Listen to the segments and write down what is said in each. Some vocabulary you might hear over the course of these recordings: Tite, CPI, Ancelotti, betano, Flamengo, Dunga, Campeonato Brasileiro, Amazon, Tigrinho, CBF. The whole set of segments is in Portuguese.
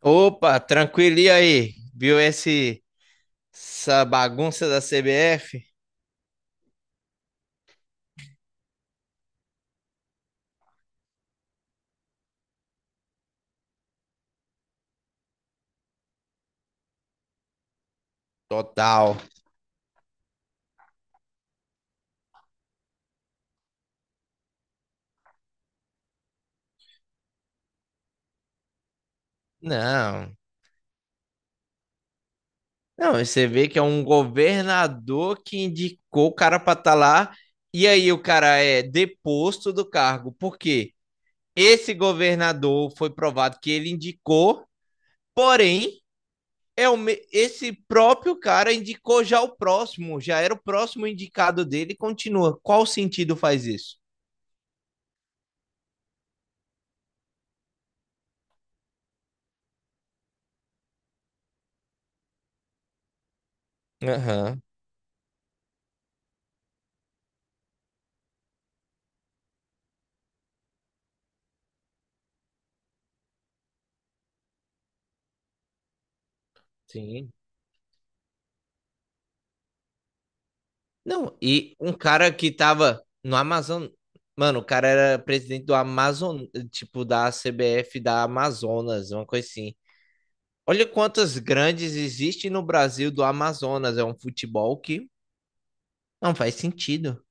Opa, tranquilo, e aí? Viu essa bagunça da CBF? Total. Não, não, você vê que é um governador que indicou o cara para estar lá e aí o cara é deposto do cargo, porque esse governador foi provado que ele indicou, porém, esse próprio cara indicou já o próximo, já era o próximo indicado dele e continua. Qual sentido faz isso? Aham, sim. Não, e um cara que tava no Amazon. Mano, o cara era presidente do Amazon, tipo, da CBF da Amazonas, uma coisa assim. Olha quantas grandes existem no Brasil do Amazonas. É um futebol que não faz sentido.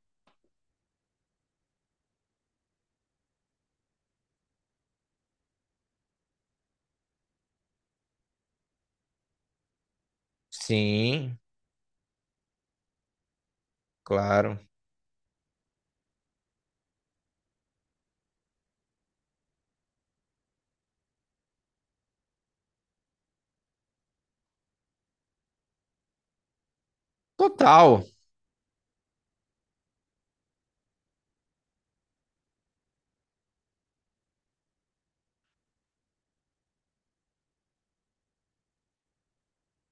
Sim, claro. Total.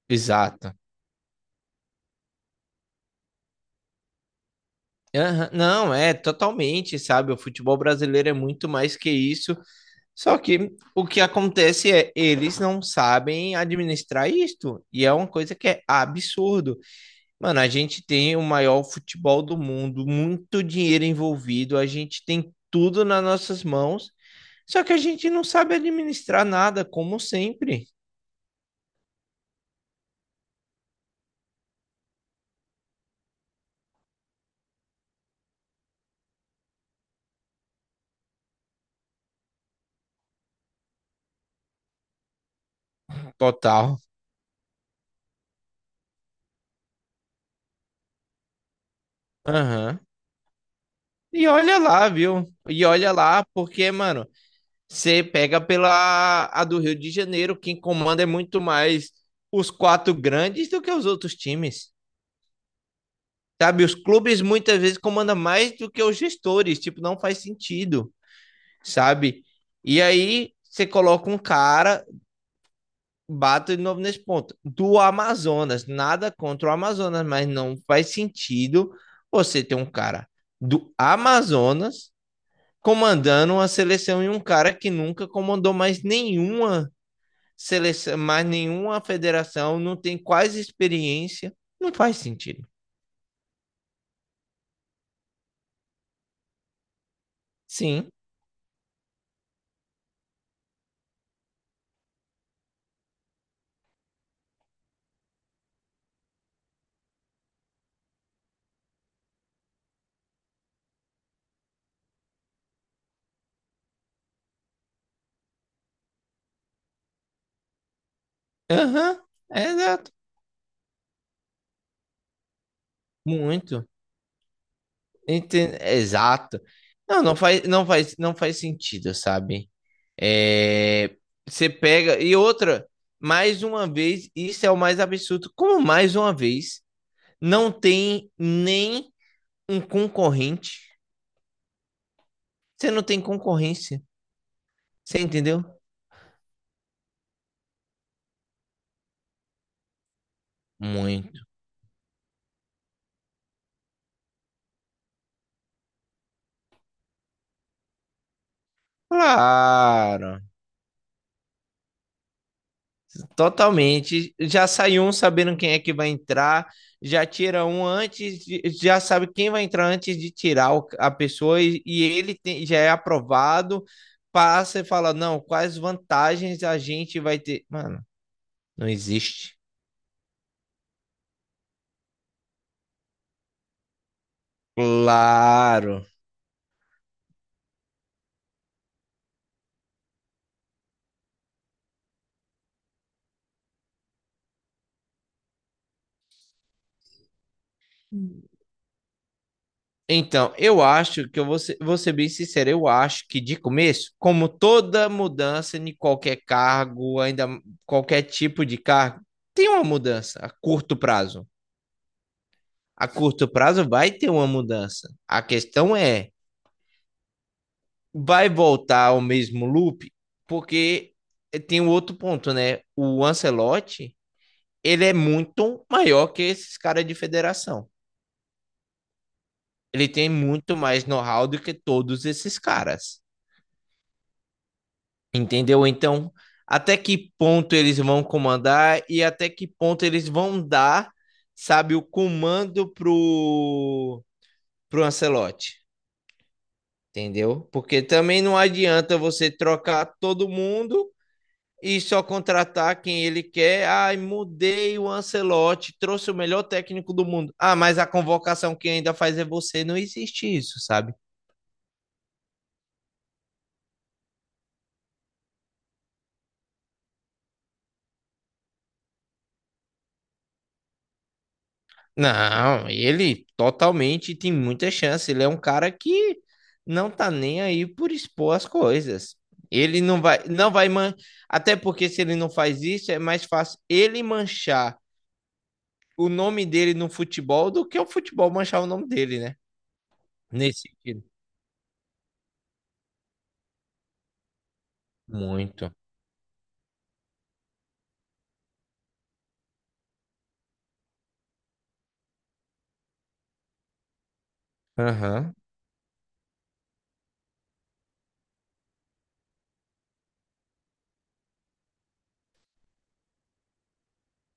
Exato. Aham, não, é totalmente, sabe? O futebol brasileiro é muito mais que isso. Só que o que acontece é eles não sabem administrar isto. E é uma coisa que é absurdo. Mano, a gente tem o maior futebol do mundo, muito dinheiro envolvido, a gente tem tudo nas nossas mãos, só que a gente não sabe administrar nada, como sempre. Total. Aham. E olha lá, viu? E olha lá, porque, mano, você pega pela a do Rio de Janeiro, quem comanda é muito mais os quatro grandes do que os outros times. Sabe, os clubes muitas vezes comandam mais do que os gestores, tipo, não faz sentido, sabe? E aí você coloca um cara, bato de novo nesse ponto, do Amazonas. Nada contra o Amazonas, mas não faz sentido você ter um cara do Amazonas comandando uma seleção e um cara que nunca comandou mais nenhuma seleção, mais nenhuma federação, não tem quase experiência. Não faz sentido. Sim. Aham. Uhum. É, exato. Muito. Exato. Não, não faz sentido, sabe? É, você pega. E outra, mais uma vez, isso é o mais absurdo. Como mais uma vez, não tem nem um concorrente. Você não tem concorrência. Você entendeu? Muito. Claro. Totalmente. Já sai um sabendo quem é que vai entrar, já tira um antes, já sabe quem vai entrar antes de tirar a pessoa e, já é aprovado, passa e fala, não, quais vantagens a gente vai ter? Mano, não existe. Claro. Então, eu acho que vou ser bem sincero, eu acho que de começo, como toda mudança em qualquer cargo, ainda qualquer tipo de cargo, tem uma mudança a curto prazo. A curto prazo vai ter uma mudança. A questão é, vai voltar ao mesmo loop? Porque tem um outro ponto, né? O Ancelotti, ele é muito maior que esses caras de federação. Ele tem muito mais know-how do que todos esses caras. Entendeu? Então, até que ponto eles vão comandar e até que ponto eles vão dar, sabe, o comando pro, pro Ancelotti? Entendeu? Porque também não adianta você trocar todo mundo e só contratar quem ele quer. Ai, mudei o Ancelotti, trouxe o melhor técnico do mundo. Ah, mas a convocação que ainda faz é você. Não existe isso, sabe? Não, ele totalmente tem muita chance. Ele é um cara que não tá nem aí por expor as coisas. Ele não vai man... até porque se ele não faz isso, é mais fácil ele manchar o nome dele no futebol do que o futebol manchar o nome dele, né? Nesse sentido. Muito. Aham.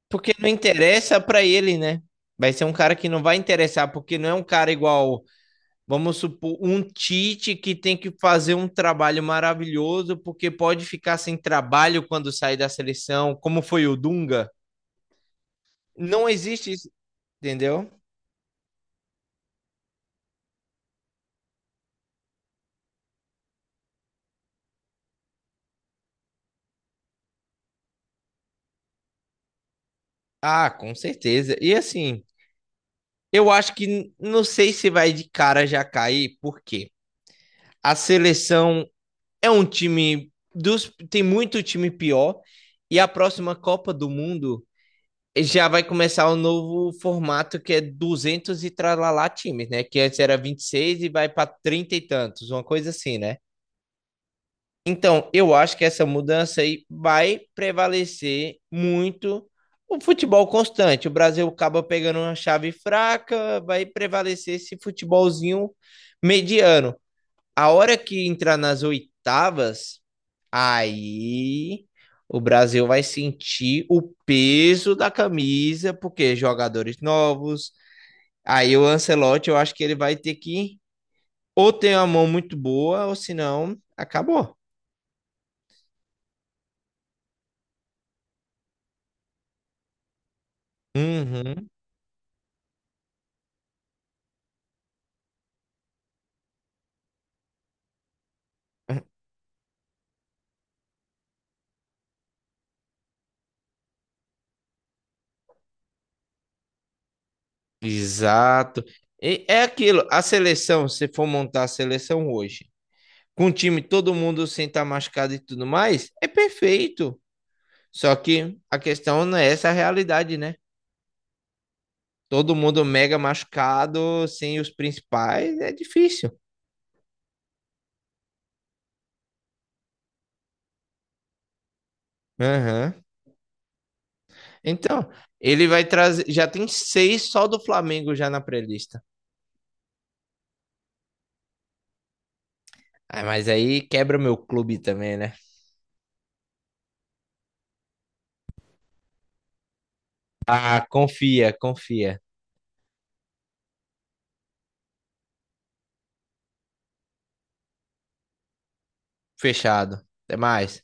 Porque não interessa pra ele, né? Vai ser um cara que não vai interessar, porque não é um cara igual, vamos supor, um Tite que tem que fazer um trabalho maravilhoso, porque pode ficar sem trabalho quando sai da seleção, como foi o Dunga. Não existe isso, entendeu? Ah, com certeza. E assim, eu acho que não sei se vai de cara já cair, por quê? A seleção é um time dos tem muito time pior e a próxima Copa do Mundo já vai começar o novo formato que é 200 e tralalá times, né? Que antes era 26 e vai para 30 e tantos, uma coisa assim, né? Então, eu acho que essa mudança aí vai prevalecer muito o futebol constante. O Brasil acaba pegando uma chave fraca, vai prevalecer esse futebolzinho mediano. A hora que entrar nas oitavas, aí o Brasil vai sentir o peso da camisa, porque jogadores novos. Aí o Ancelotti, eu acho que ele vai ter que ou ter uma mão muito boa, ou senão acabou. Uhum, exato. E é aquilo, a seleção, se for montar a seleção hoje, com o time todo mundo sem estar machucado e tudo mais, é perfeito. Só que a questão não é essa a realidade, né? Todo mundo mega machucado, sem os principais, é difícil. Aham. Então, ele vai trazer. Já tem 6 só do Flamengo já na pré-lista. Ah, mas aí quebra o meu clube também, né? Ah, confia, confia. Fechado. Até mais.